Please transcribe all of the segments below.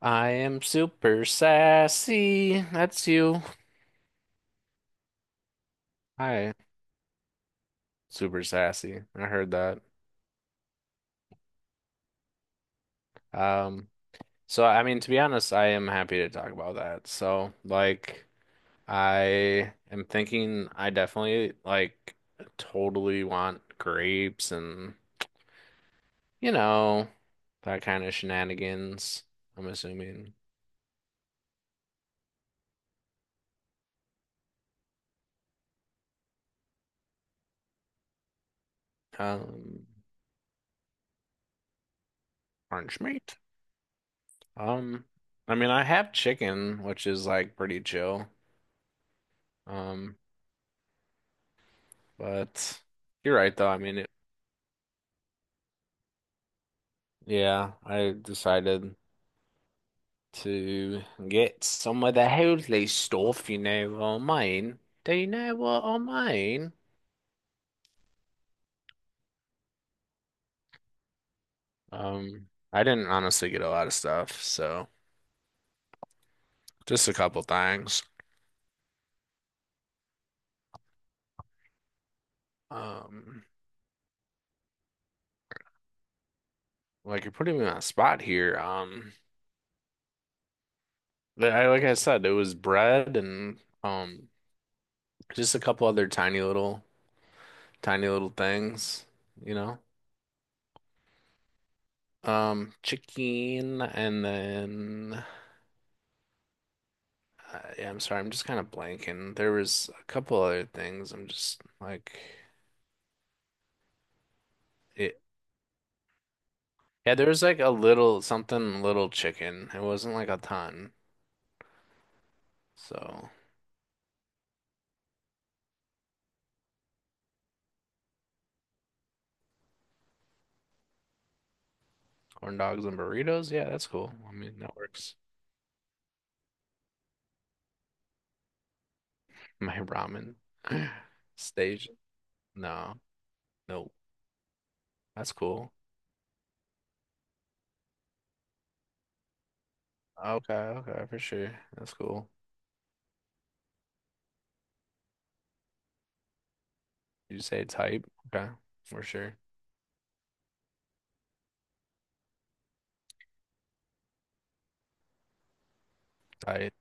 I am super sassy. That's you. Hi, super sassy. I heard that. Um, so I mean, to be honest, I am happy to talk about that. So, like, I am thinking I definitely like totally want grapes and, you know, that kind of shenanigans, I'm assuming. Um, Orange meat. Um, I mean, I have chicken, which is like pretty chill. Um, But you're right, though. I mean, yeah, I decided to get some of the holy stuff, you know, on mine. Do you know what on mine? I didn't honestly get a lot of stuff, so just a couple things. Um, like you're putting me on a spot here. I like I said, it was bread and just a couple other tiny little things, you know. Chicken and then yeah, I'm sorry. I'm just kind of blanking. There was a couple other things. I'm just like it. Yeah, there was like a little something, little chicken. It wasn't like a ton. So corn dogs and burritos. Yeah, that's cool. I mean, that works. My ramen stage. No, no, that's cool. Okay, okay, for sure. That's cool. You say type. Okay, for sure. Type.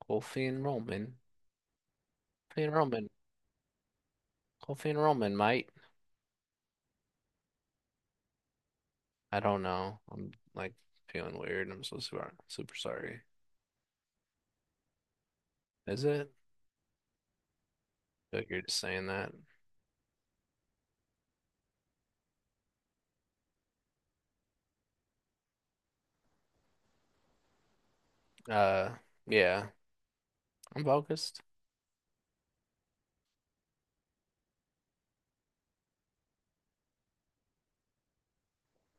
Coffee and Roman. Coffee and Roman. Coffee and Roman, mate. I don't know. I'm feeling weird. I'm so super, super sorry. Is it? I feel like you're just saying that. Uh, yeah, I'm focused.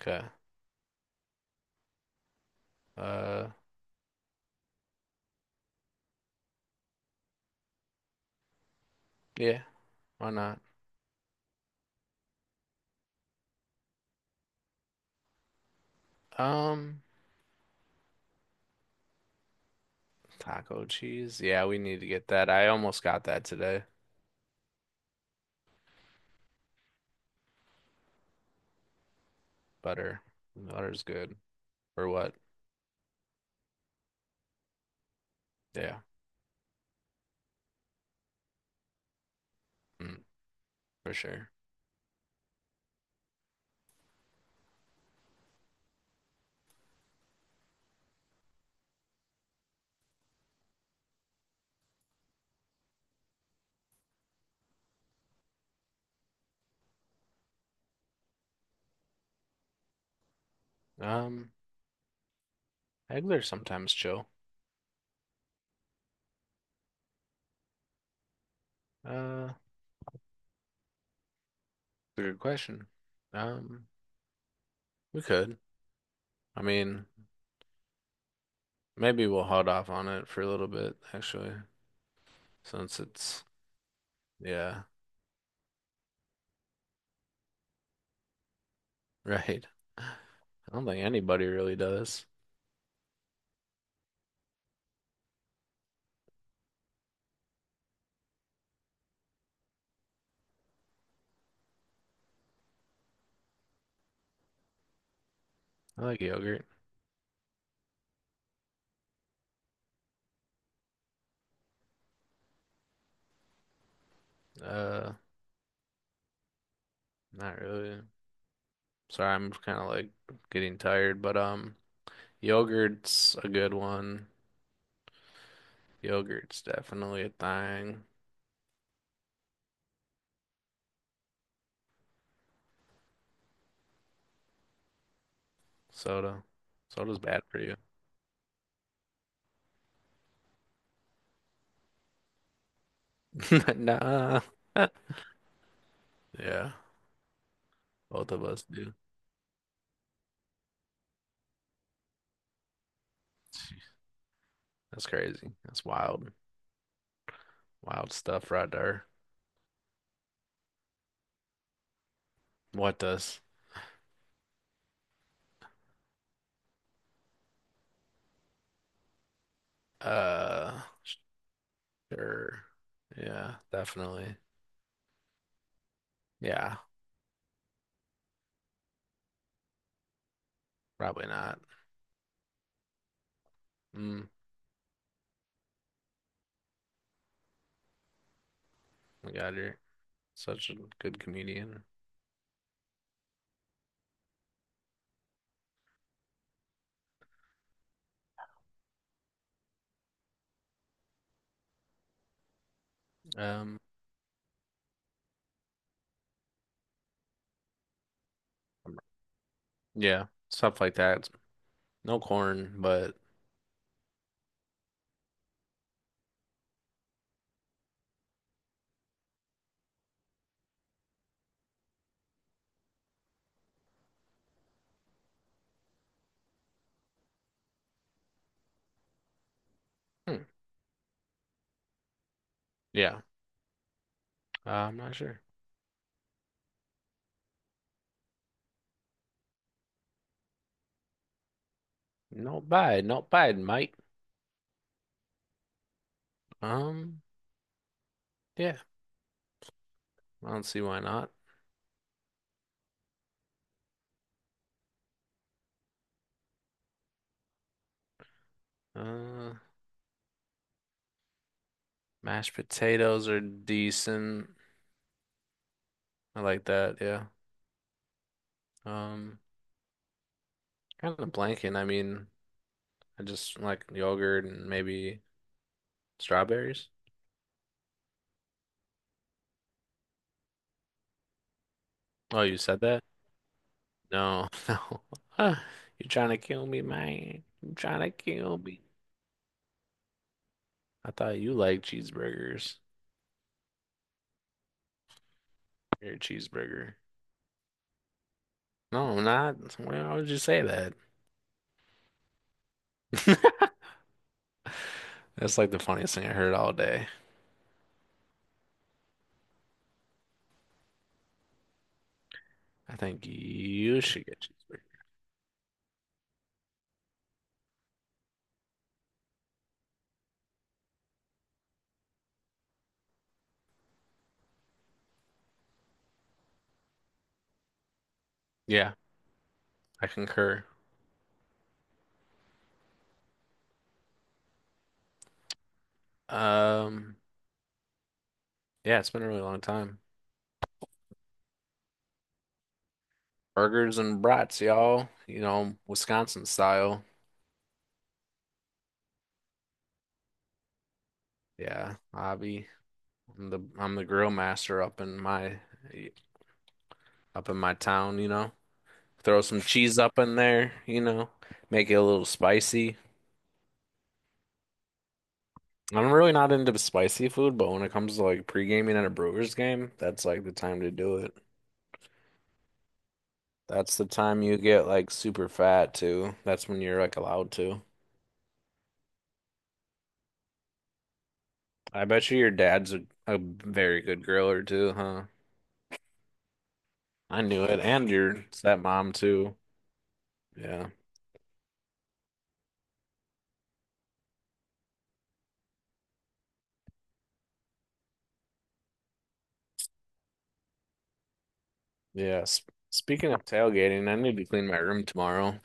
Okay. Uh, yeah, why not? Um, Taco cheese. Yeah, we need to get that. I almost got that today. Butter. Butter's good. Or what? Yeah, mm, for sure. Um, Eggler's sometimes chill. Uh, Good question. Um, we could. I mean, maybe we'll hold off on it for a little bit, actually. Since it's, yeah, right. I don't think anybody really does. I like yogurt. Uh, Not really. Sorry, I'm getting tired, but yogurt's a good one. Yogurt's definitely a thing. Soda. Soda's bad for you. Nah. Yeah, both of us do. Jeez, that's crazy. That's wild. Wild stuff right there. What does? Uh, sure. Yeah, definitely. Yeah. Probably not. Mm, my God, you're such a good comedian. Um, yeah, stuff like that. No corn, but hmm, yeah, I'm not sure. No bad, not bad, mate. Um, yeah, I don't see why not. Uh, Mashed potatoes are decent. I like that. Yeah. Um, Kind of blanking. I mean, I just like yogurt and maybe strawberries. Oh, you said that? No, no. You're trying to kill me, man. You're trying to kill me. I thought you liked cheeseburgers. You're a cheeseburger. No, I'm not. Why would you say that? That's like the funniest thing I heard all day. I think you should get cheeseburger. Yeah, I concur. Um, yeah, it's been a really long time. Burgers and brats, y'all. You know, Wisconsin style. Yeah, Avi. I'm the grill master up in my town, you know. Throw some cheese up in there, you know, make it a little spicy. I'm really not into spicy food, but when it comes to like pre-gaming at a Brewers game, that's like the time to do it. That's the time you get like super fat too. That's when you're like allowed to. I bet you your dad's a very good griller too, huh? I knew it. And your stepmom too. Yeah. Yeah. S speaking of tailgating, I need to clean my room tomorrow.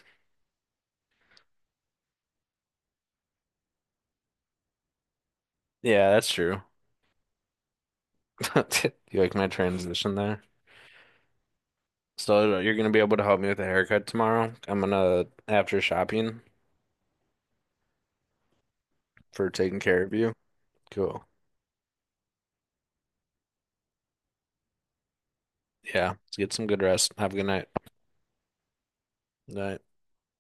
Yeah, that's true. You like my transition there? So you're gonna be able to help me with a haircut tomorrow. I'm gonna after shopping for taking care of you. Cool. Yeah. Let's get some good rest. Have a good night. Night.